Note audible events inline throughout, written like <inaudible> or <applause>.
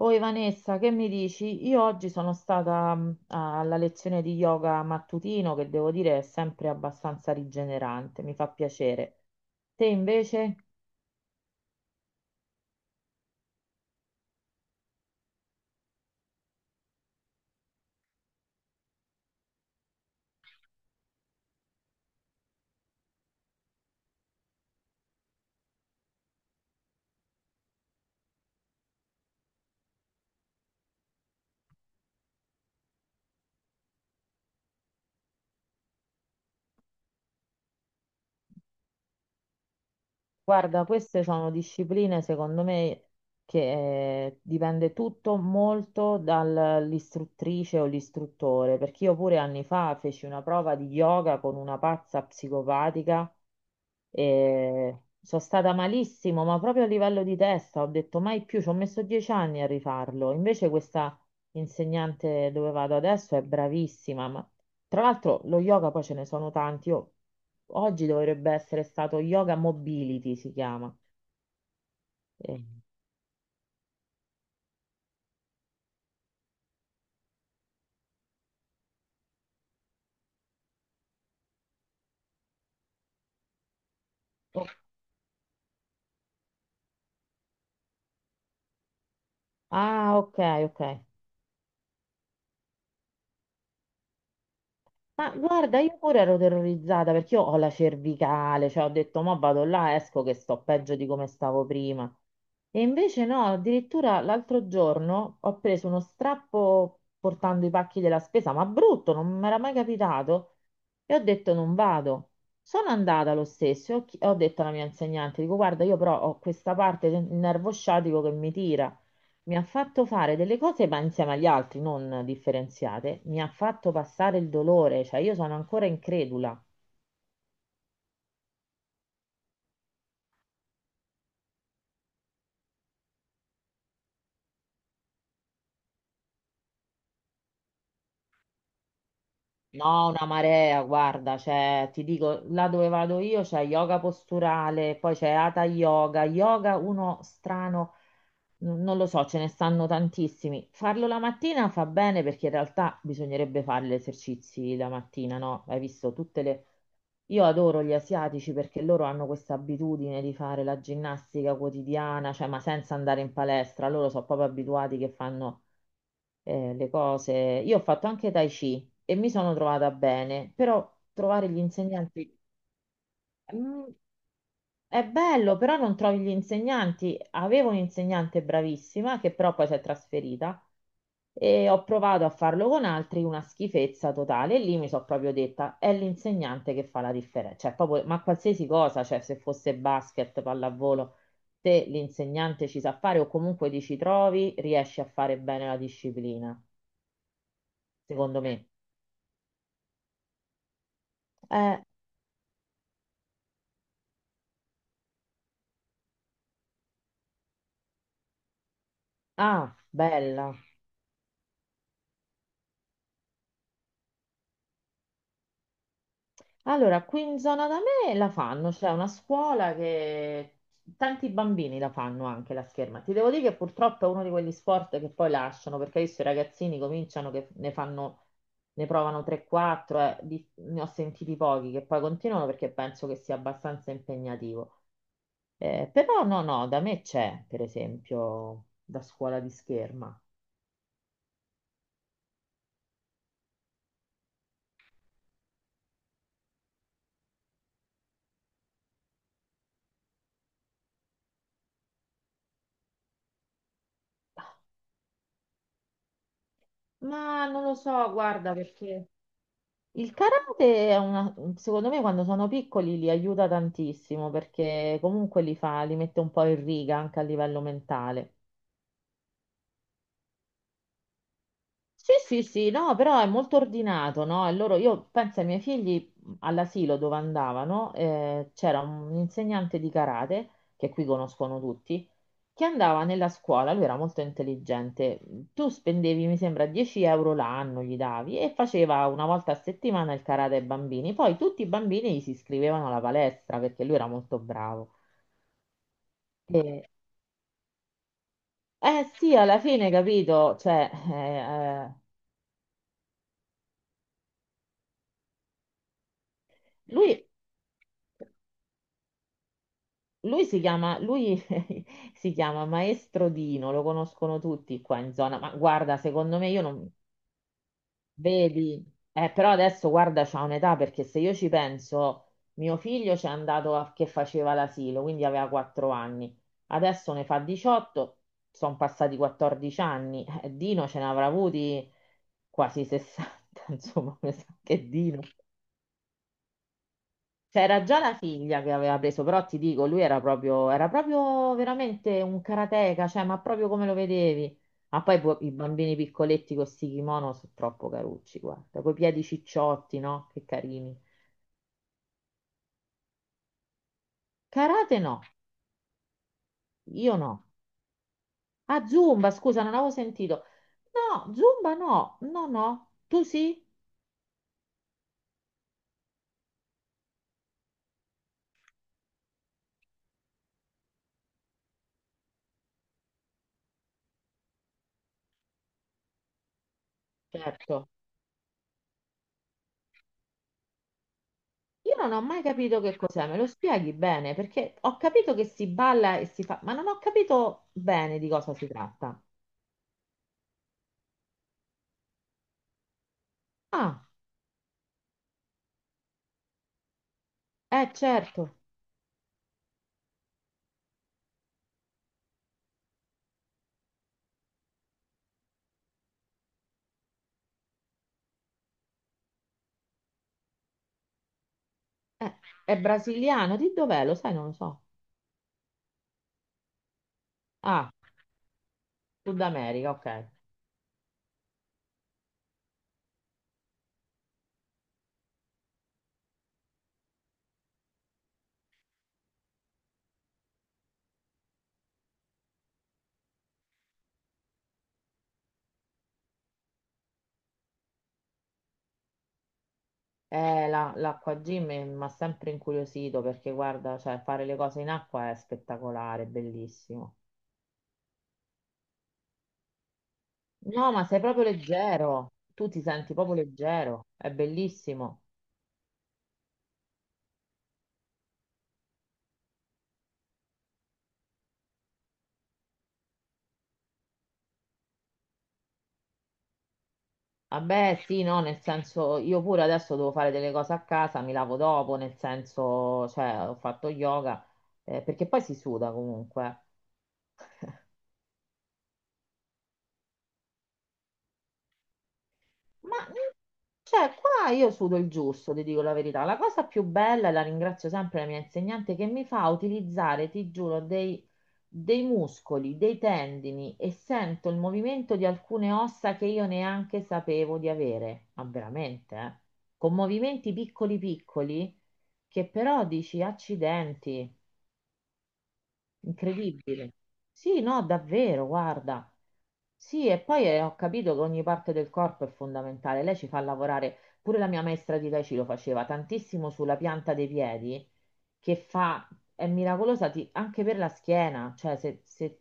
Oi Vanessa, che mi dici? Io oggi sono stata alla lezione di yoga mattutino che devo dire è sempre abbastanza rigenerante, mi fa piacere. Te invece? Guarda, queste sono discipline secondo me che dipende tutto molto dall'istruttrice o l'istruttore, perché io pure anni fa feci una prova di yoga con una pazza psicopatica. E sono stata malissimo, ma proprio a livello di testa ho detto mai più, ci ho messo 10 anni a rifarlo. Invece questa insegnante dove vado adesso è bravissima, ma tra l'altro lo yoga poi ce ne sono tanti. Oggi dovrebbe essere stato yoga mobility, si chiama. Eh, Ah, ok, ok. Ma guarda, io pure ero terrorizzata perché io ho la cervicale, cioè ho detto, ma vado là, esco che sto peggio di come stavo prima. E invece no, addirittura l'altro giorno ho preso uno strappo portando i pacchi della spesa, ma brutto, non mi era mai capitato. E ho detto non vado. Sono andata lo stesso, e ho, ho detto alla mia insegnante, dico guarda, io però ho questa parte del nervo sciatico che mi tira. Mi ha fatto fare delle cose, ma insieme agli altri, non differenziate, mi ha fatto passare il dolore, cioè io sono ancora incredula. No, una marea, guarda, cioè, ti dico, là dove vado io c'è yoga posturale, poi c'è Hatha Yoga, yoga uno strano, non lo so, ce ne stanno tantissimi. Farlo la mattina fa bene perché in realtà bisognerebbe fare gli esercizi la mattina, no? Hai visto tutte le... Io adoro gli asiatici perché loro hanno questa abitudine di fare la ginnastica quotidiana, cioè, ma senza andare in palestra, loro sono proprio abituati che fanno le cose. Io ho fatto anche Tai Chi e mi sono trovata bene, però trovare gli insegnanti mm, è bello, però non trovi gli insegnanti. Avevo un'insegnante bravissima che però poi si è trasferita e ho provato a farlo con altri, una schifezza totale. E lì mi sono proprio detta, è l'insegnante che fa la differenza, cioè proprio, ma qualsiasi cosa, cioè se fosse basket, pallavolo. Se l'insegnante ci sa fare o comunque ti ci trovi, riesci a fare bene la disciplina, secondo me. Eh, ah, bella. Allora, qui in zona da me la fanno, c'è una scuola che tanti bambini la fanno anche la scherma. Ti devo dire che purtroppo è uno di quegli sport che poi lasciano, perché adesso i ragazzini cominciano che ne fanno, ne provano 3-4, ne ho sentiti pochi che poi continuano perché penso che sia abbastanza impegnativo. Però no, no, da me c'è, per esempio, da scuola di scherma. Ma non lo so, guarda, perché... Il karate è una, secondo me quando sono piccoli li aiuta tantissimo perché comunque li fa, li mette un po' in riga anche a livello mentale. Sì, sì, sì, no, però è molto ordinato, no? E loro, io penso ai miei figli all'asilo dove andavano, c'era un insegnante di karate, che qui conoscono tutti, che andava nella scuola, lui era molto intelligente, tu spendevi, mi sembra, 10 euro l'anno, gli davi, e faceva una volta a settimana il karate ai bambini, poi tutti i bambini gli si iscrivevano alla palestra perché lui era molto bravo. E- eh sì, alla fine, capito, cioè, lui... Lui si chiama, lui <laughs> si chiama Maestro Dino, lo conoscono tutti qua in zona, ma guarda, secondo me io non vedi, però adesso guarda, c'ha un'età perché se io ci penso, mio figlio c'è andato che faceva l'asilo, quindi aveva 4 anni, adesso ne fa 18, sono passati 14 anni, Dino ce ne avrà avuti quasi 60, <laughs> insomma, mi sa che Dino. C'era già la figlia che aveva preso, però ti dico, lui era proprio veramente un karateka, cioè, ma proprio come lo vedevi. Ma poi i bambini piccoletti con sti kimono sono troppo carucci, guarda, coi piedi cicciotti, no? Che carini. Karate no, io no. Ah, Zumba, scusa, non avevo sentito. No, Zumba no, no, no. Tu sì? Certo. Io non ho mai capito che cos'è, me lo spieghi bene, perché ho capito che si balla e si fa, ma non ho capito bene di cosa si tratta. Ah. Certo. Eh, è brasiliano, di dov'è? Lo sai, non lo so. Ah, Sud America, ok. L'acqua gym mi ha sempre incuriosito perché guarda, cioè, fare le cose in acqua è spettacolare, è bellissimo. No, ma sei proprio leggero, tu ti senti proprio leggero, è bellissimo. Vabbè, sì, no, nel senso, io pure adesso devo fare delle cose a casa, mi lavo dopo, nel senso, cioè, ho fatto yoga, perché poi si suda comunque. Ma Cioè, qua io sudo il giusto, ti dico la verità. La cosa più bella, e la ringrazio sempre la mia insegnante, che mi fa utilizzare, ti giuro, dei, dei muscoli, dei tendini e sento il movimento di alcune ossa che io neanche sapevo di avere. Ma veramente, eh? Con movimenti piccoli piccoli che però dici accidenti. Incredibile. Sì, no, davvero, guarda. Sì, e poi ho capito che ogni parte del corpo è fondamentale. Lei ci fa lavorare, pure la mia maestra di Tai Chi lo faceva tantissimo sulla pianta dei piedi, che fa, è miracolosa anche per la schiena, cioè se, se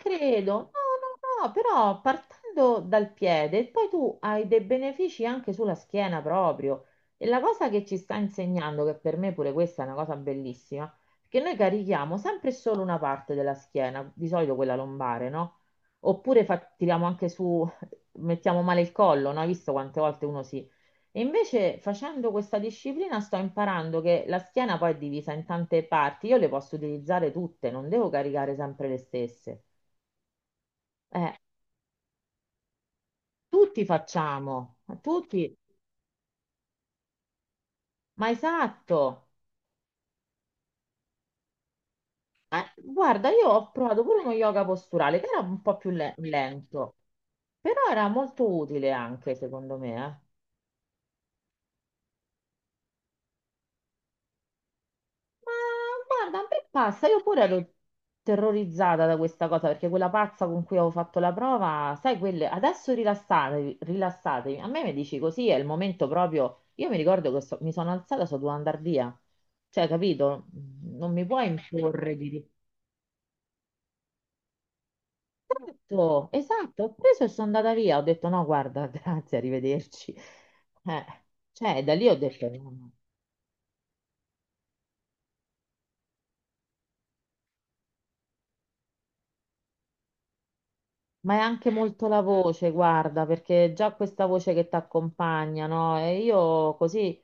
non credo, no, no, no, però partendo dal piede, poi tu hai dei benefici anche sulla schiena proprio. E la cosa che ci sta insegnando, che per me pure questa è una cosa bellissima, che noi carichiamo sempre e solo una parte della schiena, di solito quella lombare, no? Oppure tiriamo anche su, <laughs> mettiamo male il collo, no? Hai visto quante volte uno si... E invece facendo questa disciplina sto imparando che la schiena poi è divisa in tante parti, io le posso utilizzare tutte, non devo caricare sempre le stesse. Eh, tutti facciamo, tutti, ma esatto. Guarda, io ho provato pure uno yoga posturale che era un po' più lento, però era molto utile anche, secondo me. Ma guarda, a me passa, io pure ero terrorizzata da questa cosa perché quella pazza con cui avevo fatto la prova, sai, quelle adesso rilassatevi, rilassatevi. A me mi dici così, è il momento proprio. Io mi ricordo che mi sono alzata, so dovuta andare via. Cioè, capito? Non mi puoi imporre di... Esatto, esatto, ho preso e sono andata via, ho detto no, guarda, <laughs> grazie, arrivederci. Eh, cioè, da lì ho detto no, no. Ma è anche molto la voce, guarda, perché già questa voce che ti accompagna, no? E io così,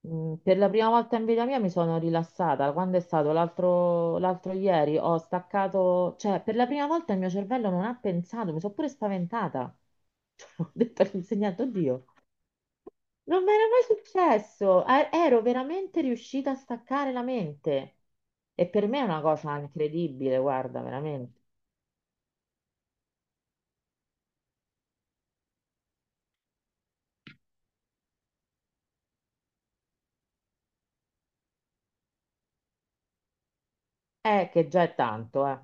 per la prima volta in vita mia mi sono rilassata. Quando è stato l'altro ieri, ho staccato, cioè, per la prima volta il mio cervello non ha pensato, mi sono pure spaventata. <laughs> Ho detto all'insegnante, oddio. Non mi era mai successo, ero veramente riuscita a staccare la mente. E per me è una cosa incredibile, guarda, veramente. Che già è tanto, eh.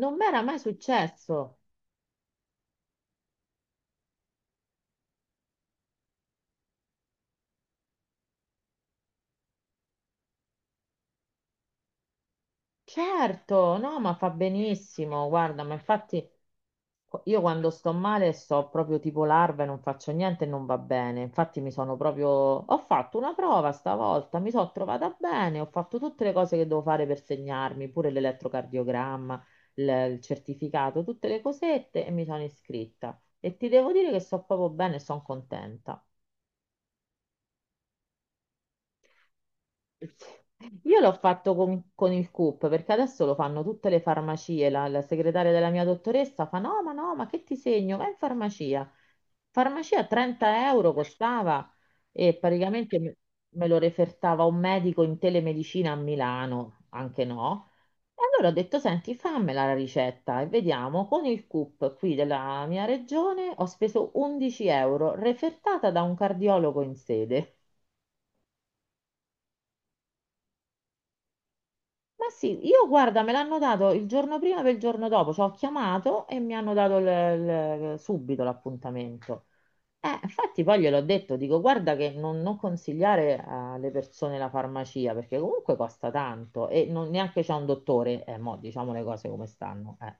Non mi era mai successo. Certo, no, ma fa benissimo, guarda, ma infatti. Io quando sto male sto proprio tipo larva e non faccio niente e non va bene. Infatti mi sono proprio... Ho fatto una prova stavolta, mi sono trovata bene, ho fatto tutte le cose che devo fare per segnarmi, pure l'elettrocardiogramma, il certificato, tutte le cosette e mi sono iscritta. E ti devo dire che sto proprio bene e sono contenta. Io l'ho fatto con il CUP perché adesso lo fanno tutte le farmacie. La, la segretaria della mia dottoressa fa: No, ma no, ma che ti segno? Vai in farmacia. Farmacia 30 euro costava e praticamente me lo refertava un medico in telemedicina a Milano, anche no. E allora ho detto: Senti, fammela la ricetta e vediamo. Con il CUP qui della mia regione ho speso 11 euro, refertata da un cardiologo in sede. Ma sì, io guarda, me l'hanno dato il giorno prima per il giorno dopo, ci ho chiamato e mi hanno dato subito l'appuntamento. Infatti poi gliel'ho detto, dico guarda che non, non consigliare alle persone la farmacia perché comunque costa tanto e non, neanche c'è un dottore, mo, diciamo le cose come stanno.